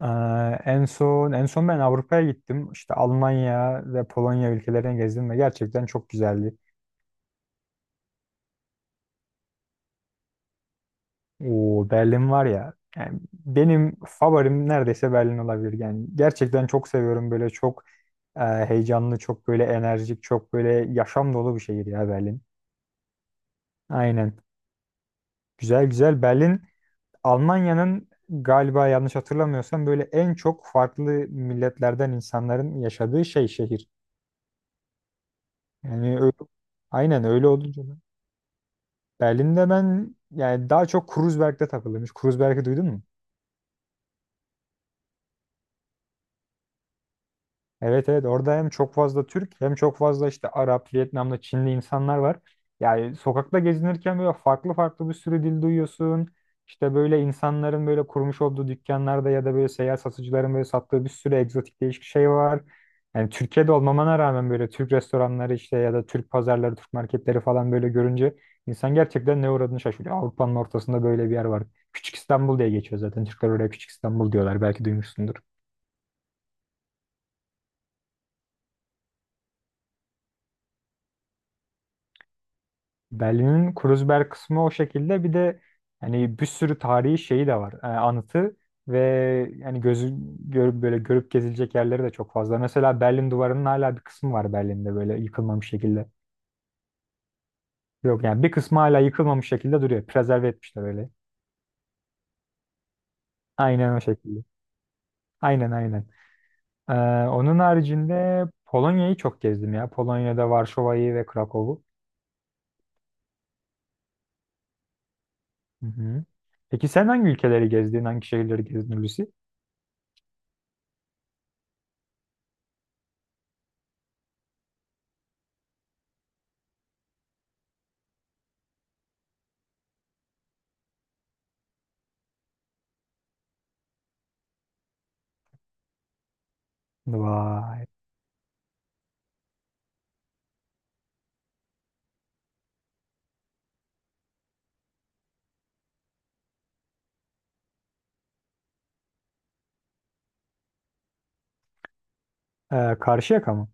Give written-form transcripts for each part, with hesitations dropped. Ee, en son en son ben Avrupa'ya gittim. İşte Almanya ve Polonya ülkelerini gezdim ve gerçekten çok güzeldi. O Berlin var ya. Yani benim favorim neredeyse Berlin olabilir. Yani gerçekten çok seviyorum böyle çok heyecanlı, çok böyle enerjik, çok böyle yaşam dolu bir şehir ya Berlin. Aynen. Güzel güzel. Berlin Almanya'nın galiba yanlış hatırlamıyorsam böyle en çok farklı milletlerden insanların yaşadığı şey şehir. Yani öyle, aynen öyle olunca. Berlin'de ben yani daha çok Kreuzberg'de takılıyormuş. Kreuzberg'i duydun mu? Evet evet, orada hem çok fazla Türk hem çok fazla işte Arap, Vietnamlı, Çinli insanlar var. Yani sokakta gezinirken böyle farklı farklı bir sürü dil duyuyorsun. İşte böyle insanların böyle kurmuş olduğu dükkanlarda ya da böyle seyyar satıcıların böyle sattığı bir sürü egzotik değişik şey var. Yani Türkiye'de olmamana rağmen böyle Türk restoranları işte ya da Türk pazarları, Türk marketleri falan böyle görünce insan gerçekten ne uğradığını şaşırıyor. Avrupa'nın ortasında böyle bir yer var. Küçük İstanbul diye geçiyor zaten. Türkler oraya Küçük İstanbul diyorlar. Belki duymuşsundur. Berlin'in Kreuzberg kısmı o şekilde. Bir de hani bir sürü tarihi şeyi de var. Anıtı ve yani gözü görüp gezilecek yerleri de çok fazla. Mesela Berlin Duvarı'nın hala bir kısmı var Berlin'de böyle yıkılmamış şekilde. Yok yani bir kısmı hala yıkılmamış şekilde duruyor. Prezerve etmişler öyle. Aynen o şekilde. Aynen aynen. Ee, Onun haricinde Polonya'yı çok gezdim ya. Polonya'da Varşova'yı ve Krakow'u. Hı hı. Peki sen hangi ülkeleri gezdin, hangi şehirleri gezdin Hulusi? Vay. Karşıyaka mı?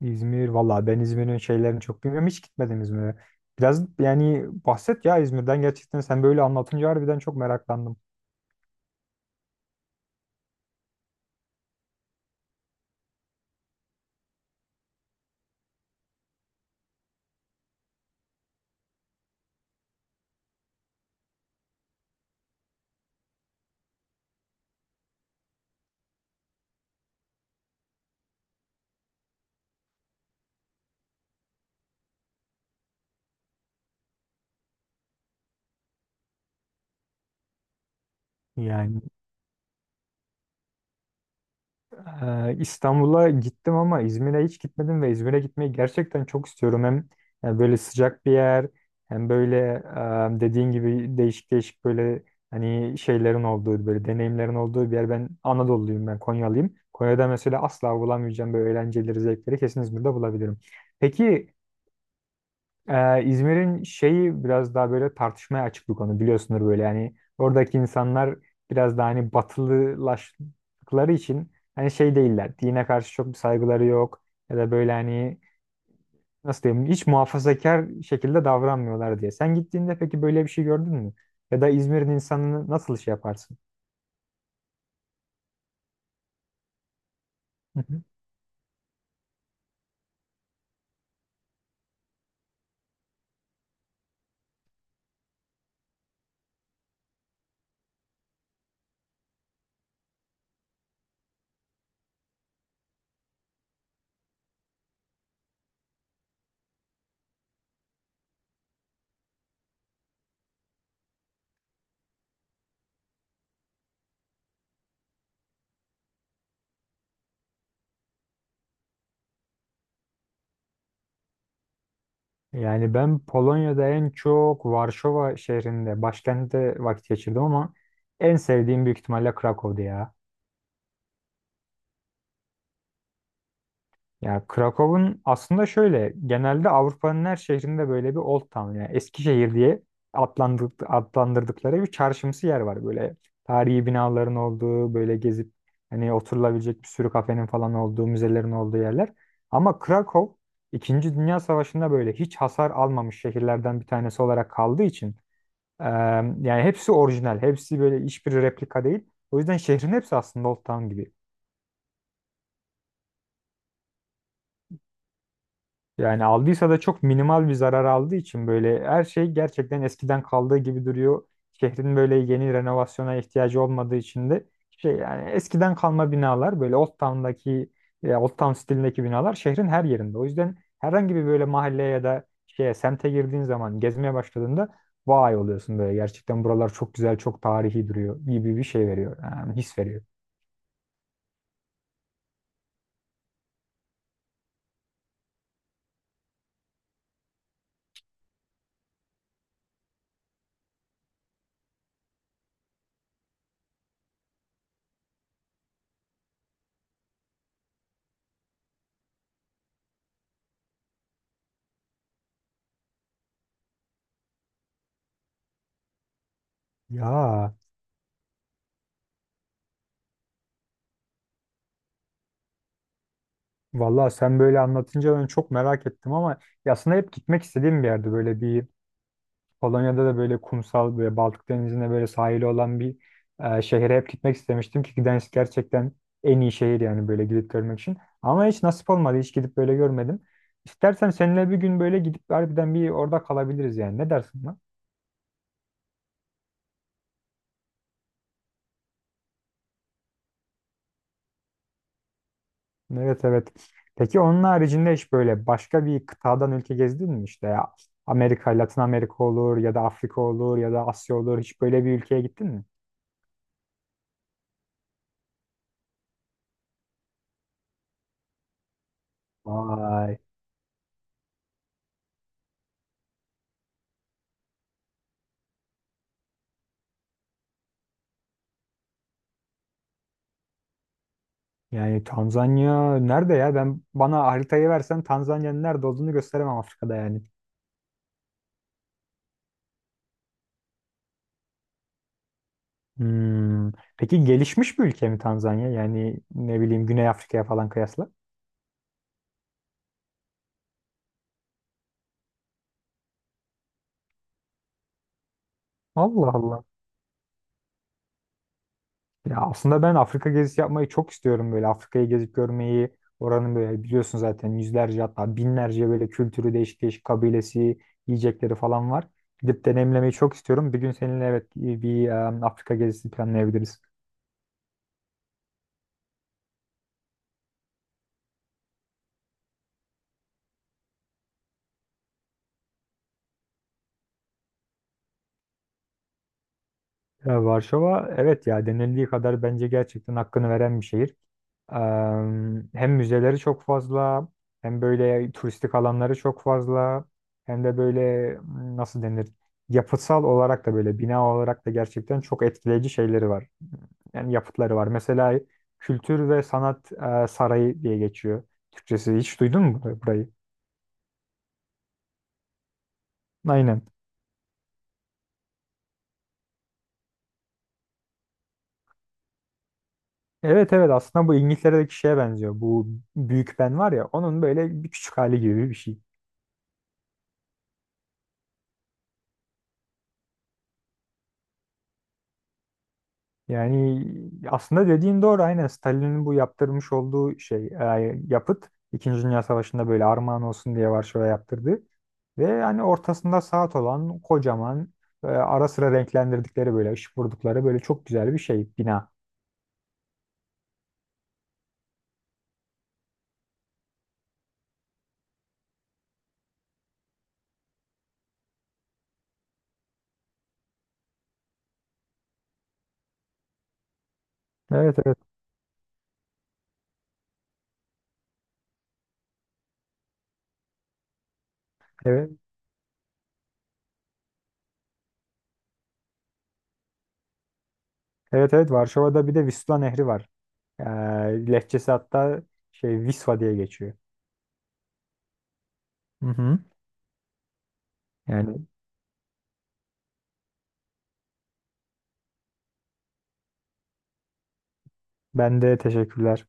İzmir. Valla ben İzmir'in şeylerini çok bilmiyorum. Hiç gitmedim İzmir'e. Biraz yani bahset ya İzmir'den gerçekten. Sen böyle anlatınca harbiden çok meraklandım. Yani İstanbul'a gittim ama İzmir'e hiç gitmedim ve İzmir'e gitmeyi gerçekten çok istiyorum. Hem böyle sıcak bir yer hem böyle dediğin gibi değişik değişik böyle hani şeylerin olduğu böyle deneyimlerin olduğu bir yer. Ben Anadolu'luyum, ben Konyalıyım. Konya'da mesela asla bulamayacağım böyle eğlenceleri, zevkleri kesin İzmir'de bulabilirim. Peki İzmir'in şeyi biraz daha böyle tartışmaya açık bir konu, biliyorsunuz böyle, yani oradaki insanlar biraz daha hani batılılaştıkları için hani şey değiller, dine karşı çok bir saygıları yok ya da böyle hani nasıl diyeyim hiç muhafazakar şekilde davranmıyorlar diye. Sen gittiğinde peki böyle bir şey gördün mü? Ya da İzmir'in insanını nasıl şey yaparsın? Hı hı. Yani ben Polonya'da en çok Varşova şehrinde, başkentte vakit geçirdim ama en sevdiğim büyük ihtimalle Krakow'du ya. Ya Krakow'un aslında şöyle, genelde Avrupa'nın her şehrinde böyle bir Old Town yani eski şehir diye adlandırdıkları bir çarşımsı yer var böyle, tarihi binaların olduğu, böyle gezip hani oturulabilecek bir sürü kafenin falan olduğu, müzelerin olduğu yerler. Ama Krakow İkinci Dünya Savaşı'nda böyle hiç hasar almamış şehirlerden bir tanesi olarak kaldığı için eee, yani hepsi orijinal, hepsi böyle hiçbir replika değil. O yüzden şehrin hepsi aslında Old Town gibi. Yani aldıysa da çok minimal bir zarar aldığı için böyle her şey gerçekten eskiden kaldığı gibi duruyor. Şehrin böyle yeni renovasyona ihtiyacı olmadığı için de şey yani eskiden kalma binalar böyle Old Town'daki Old Town stilindeki binalar şehrin her yerinde. O yüzden herhangi bir böyle mahalleye ya da şeye semte girdiğin zaman gezmeye başladığında vay oluyorsun, böyle gerçekten buralar çok güzel çok tarihi duruyor gibi bir şey veriyor yani his veriyor. Ya vallahi sen böyle anlatınca ben çok merak ettim ama ya aslında hep gitmek istediğim bir yerde böyle bir Polonya'da da böyle kumsal böyle Baltık Denizi'ne böyle sahili olan bir şehre hep gitmek istemiştim ki Gdańsk gerçekten en iyi şehir yani böyle gidip görmek için. Ama hiç nasip olmadı, hiç gidip böyle görmedim. İstersen seninle bir gün böyle gidip harbiden bir orada kalabiliriz yani, ne dersin lan? Evet evet. Peki onun haricinde hiç böyle başka bir kıtadan ülke gezdin mi işte ya? Amerika, Latin Amerika olur ya da Afrika olur ya da Asya olur. Hiç böyle bir ülkeye gittin mi? Vay. Yani Tanzanya nerede ya? Ben bana haritayı versen Tanzanya'nın nerede olduğunu gösteremem, Afrika'da yani. Hmm. Peki gelişmiş bir ülke mi Tanzanya? Yani ne bileyim, Güney Afrika'ya falan kıyasla. Allah Allah. Ya aslında ben Afrika gezisi yapmayı çok istiyorum, böyle Afrika'yı gezip görmeyi. Oranın böyle biliyorsun zaten yüzlerce hatta binlerce böyle kültürü, değişik değişik kabilesi, yiyecekleri falan var. Gidip deneyimlemeyi çok istiyorum. Bir gün seninle evet Afrika gezisi planlayabiliriz. Ya Varşova evet ya, denildiği kadar bence gerçekten hakkını veren bir şehir. Hem müzeleri çok fazla, hem böyle turistik alanları çok fazla, hem de böyle nasıl denir? Yapısal olarak da böyle bina olarak da gerçekten çok etkileyici şeyleri var. Yani yapıtları var. Mesela Kültür ve Sanat Sarayı diye geçiyor. Türkçesi hiç duydun mu burayı? Aynen. Evet evet, aslında bu İngiltere'deki şeye benziyor. Bu Büyük Ben var ya, onun böyle bir küçük hali gibi bir şey. Yani aslında dediğin doğru, aynen Stalin'in bu yaptırmış olduğu şey yapıt İkinci Dünya Savaşı'nda böyle armağan olsun diye Varşova yaptırdı. Ve hani ortasında saat olan kocaman ara sıra renklendirdikleri böyle ışık vurdukları böyle çok güzel bir şey bina. Evet evet evet evet, Varşova'da bir de Vistula Nehri var. E, Lehçesi hatta şey Visva diye geçiyor. Hı hı. Yani ben de teşekkürler.